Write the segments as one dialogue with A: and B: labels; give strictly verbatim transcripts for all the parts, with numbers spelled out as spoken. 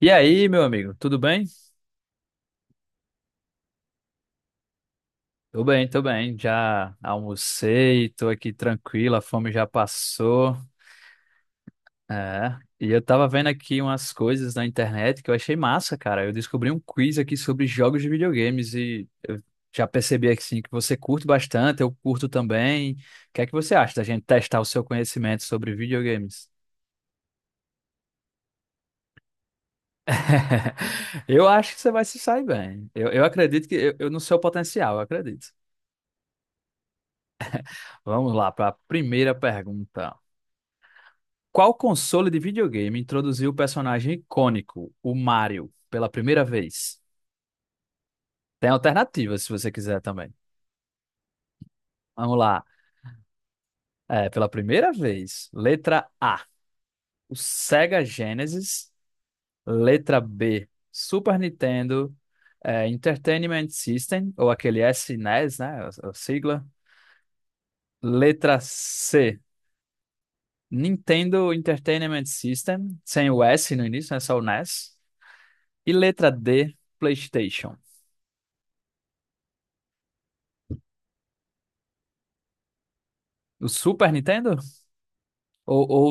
A: E aí, meu amigo, tudo bem? Tô bem, tô bem. Já almocei, tô aqui tranquilo, a fome já passou. É. E eu tava vendo aqui umas coisas na internet que eu achei massa, cara. Eu descobri um quiz aqui sobre jogos de videogames e eu já percebi aqui sim, que você curte bastante, eu curto também. O que é que você acha da gente testar o seu conhecimento sobre videogames? Eu acho que você vai se sair bem. Eu, eu acredito que eu, eu no seu potencial, eu acredito. Vamos lá para a primeira pergunta. Qual console de videogame introduziu o personagem icônico, o Mario, pela primeira vez? Tem alternativas se você quiser também. Vamos lá. É, pela primeira vez, letra A, o Sega Genesis. Letra B, Super Nintendo, é, Entertainment System, ou aquele S N E S, né? A a sigla. Letra C, Nintendo Entertainment System, sem o S no início, né? Só o N E S. E S. E letra D, PlayStation. O Super Nintendo? Ou, ou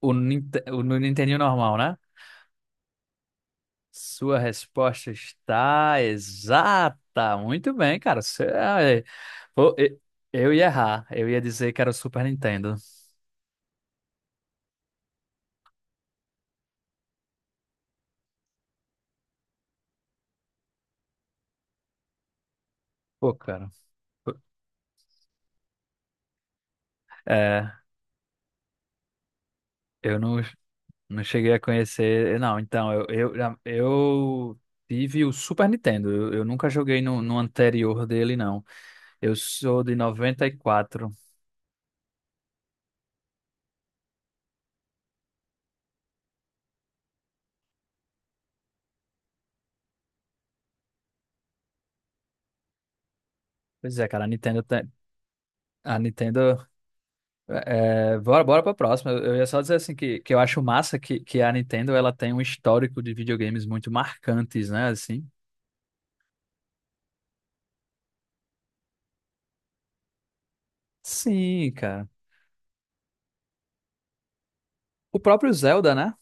A: o, Ninte- o no Nintendinho normal, né? Sua resposta está exata. Muito bem, cara. Você- ah, é, pô, e- eu ia errar. Eu ia dizer que era o Super Nintendo. Pô, cara. É, eu não, não cheguei a conhecer. Não, então, eu, eu, eu tive o Super Nintendo. Eu, eu nunca joguei no, no anterior dele, não. Eu sou de noventa e quatro. Pois é, cara, a Nintendo tem. A Nintendo. É, é, bora, bora pra próxima. Eu eu ia só dizer assim que, que eu acho massa que, que a Nintendo ela tem um histórico de videogames muito marcantes, né? Assim. Sim, cara. O próprio Zelda, né?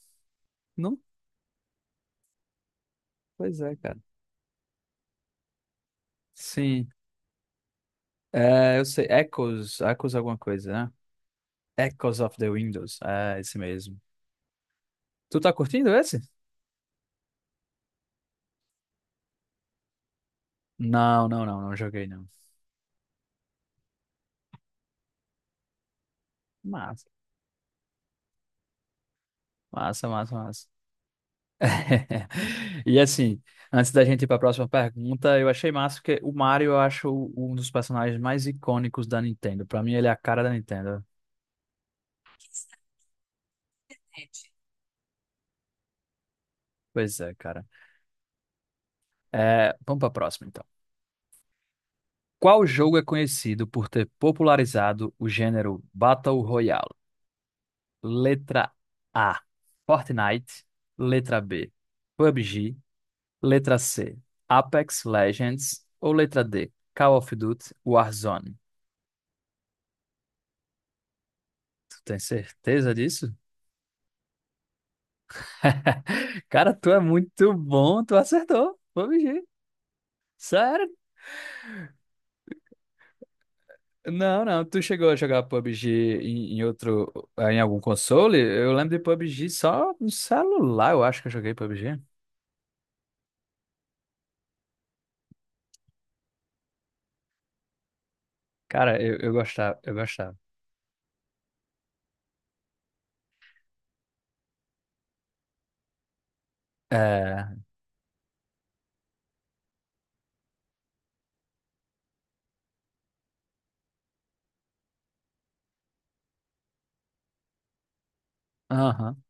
A: Não? Pois é, cara. Sim. É, eu sei. Echoes, Echoes alguma coisa, né? Echoes of the Windows. É, esse mesmo. Tu tá curtindo esse? Não, não, não. Não joguei, não. Massa, massa, massa, massa. E assim, antes da gente ir para a próxima pergunta, eu achei massa que o Mario eu acho um dos personagens mais icônicos da Nintendo. Para mim, ele é a cara da Nintendo. Pois é, cara. É, vamos para a próxima, então. Qual jogo é conhecido por ter popularizado o gênero Battle Royale? Letra A, Fortnite. Letra B, P U B G. Letra C, Apex Legends. Ou letra D, Call of Duty Warzone. Tu tem certeza disso? Cara, tu é muito bom, tu acertou. P U B G. Sério? Não, não, tu chegou a jogar P U B G em, em outro, eh, em algum console? Eu lembro de P U B G só no celular, eu acho que eu joguei P U B G. Cara, eu, eu gostava, eu gostava. É, aham,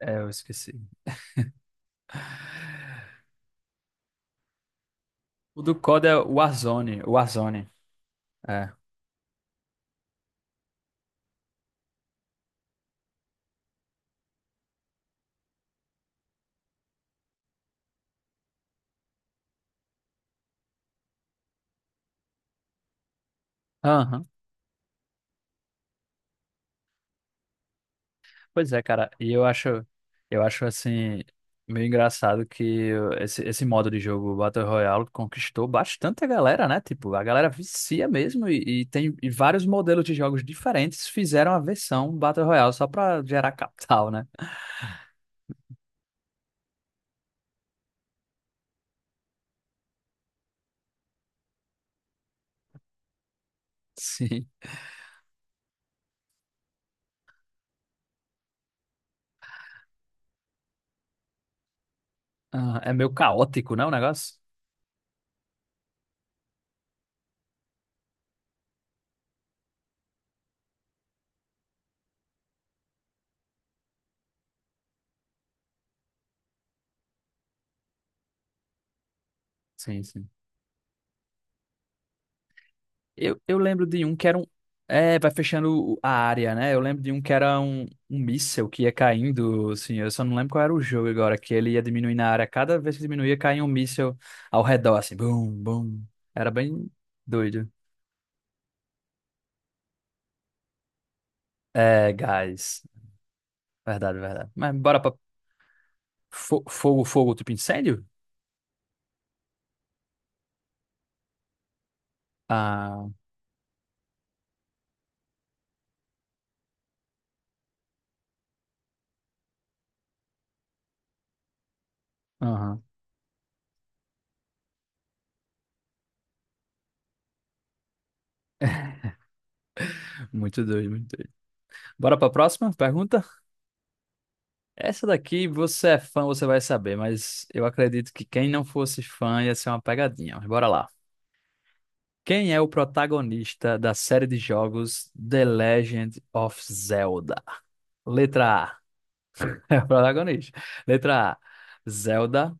A: é, eu esqueci. O do C O D é Warzone, Warzone, é. Aham. Pois é, cara, e eu acho, eu acho assim, meio engraçado que esse, esse modo de jogo Battle Royale conquistou bastante a galera, né? Tipo, a galera vicia mesmo e, e tem e vários modelos de jogos diferentes fizeram a versão Battle Royale só pra gerar capital, né? Sim. Ah, é meio caótico, né, o negócio? Sim, sim. Eu, eu lembro de um que era um. É, vai fechando o- a área, né? Eu lembro de um que era um, um míssel que ia caindo, assim. Eu só não lembro qual era o jogo agora, que ele ia diminuindo a área. Cada vez que diminuía, caía um míssel ao redor, assim. Bum, bum. Era bem doido. É, gás. Verdade, verdade. Mas bora pra fo- fogo, fogo, tipo incêndio? Ah, aham. Muito doido, muito doido. Bora pra próxima pergunta? Essa daqui, você é fã, você vai saber, mas eu acredito que quem não fosse fã ia ser uma pegadinha. Mas bora lá. Quem é o protagonista da série de jogos The Legend of Zelda? Letra A. É o protagonista. Letra A. Zelda.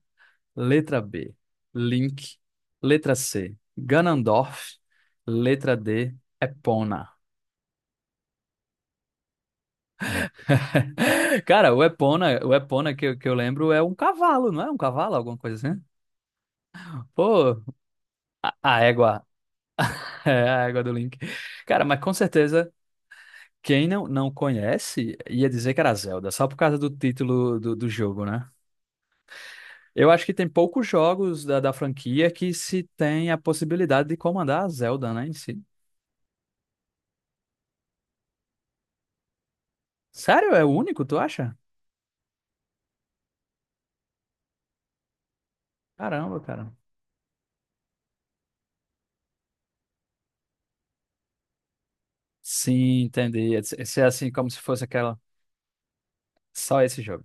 A: Letra B. Link. Letra C. Ganondorf. Letra D. Epona. Cara, o Epona, o Epona que, eu- que eu lembro é um cavalo, não é? Um cavalo, alguma coisa assim? Pô, a, a égua. É a égua do Link. Cara, mas com certeza. Quem não, não conhece ia dizer que era Zelda, só por causa do título do, do jogo, né? Eu acho que tem poucos jogos da, da franquia que se tem a possibilidade de comandar a Zelda, né, em si. Sério? É o único, tu acha? Caramba, cara. Sim, entendi. Esse é assim como se fosse aquela. Só esse jogo.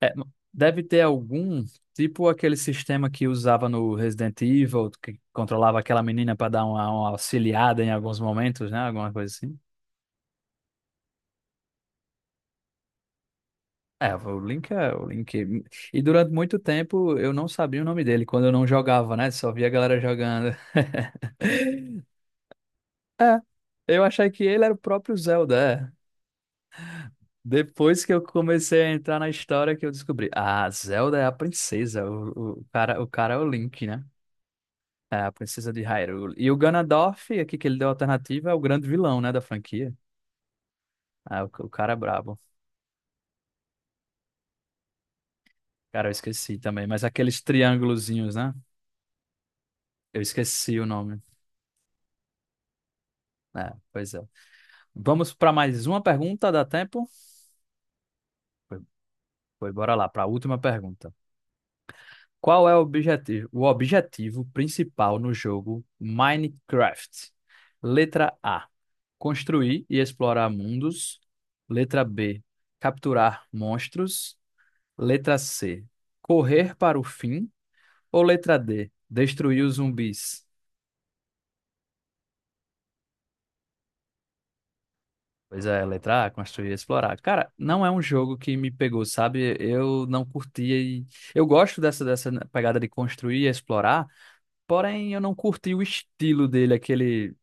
A: É, m- deve ter algum, tipo aquele sistema que usava no Resident Evil, que controlava aquela menina para dar uma, uma auxiliada em alguns momentos, né? Alguma coisa assim. É, o Link é o Link. E durante muito tempo eu não sabia o nome dele quando eu não jogava, né? Só via a galera jogando. É, eu achei que ele era o próprio Zelda. É. Depois que eu comecei a entrar na história que eu descobri, ah, Zelda é a princesa, o, o cara, o cara é o Link, né? É a princesa de Hyrule. E o Ganondorf, aqui que ele deu a alternativa, é o grande vilão, né, da franquia. Ah, o, o cara é brabo. Cara, eu esqueci também, mas aqueles triângulozinhos, né? Eu esqueci o nome. É, pois é. Vamos para mais uma pergunta, dá tempo? Foi, foi, bora lá, para a última pergunta. Qual é o objetivo, o objetivo principal no jogo Minecraft? Letra A: construir e explorar mundos. Letra B: capturar monstros. Letra C: correr para o fim. Ou letra D: destruir os zumbis? Pois é, letra A, construir e explorar. Cara, não é um jogo que me pegou, sabe? Eu não curtia e... Eu gosto dessa, dessa né, pegada de construir e explorar, porém eu não curti o estilo dele, aquele...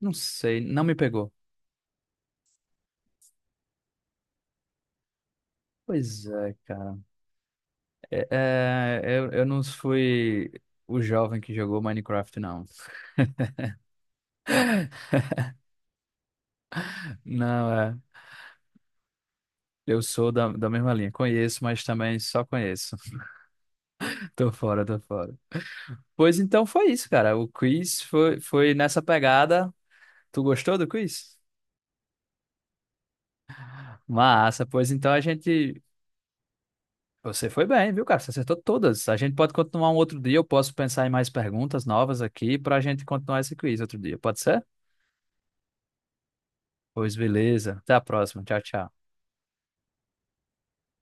A: Não sei, não me pegou. Pois é, cara. É, é, eu, eu não fui o jovem que jogou Minecraft, não. Não, é. Eu sou da, da mesma linha. Conheço, mas também só conheço. Tô fora, tô fora. Pois então foi isso, cara. O quiz foi, foi nessa pegada. Tu gostou do quiz? Massa, pois então a gente. Você foi bem, viu, cara? Você acertou todas. A gente pode continuar um outro dia. Eu posso pensar em mais perguntas novas aqui para a gente continuar esse quiz outro dia. Pode ser? Pois beleza. Até a próxima. Tchau, tchau.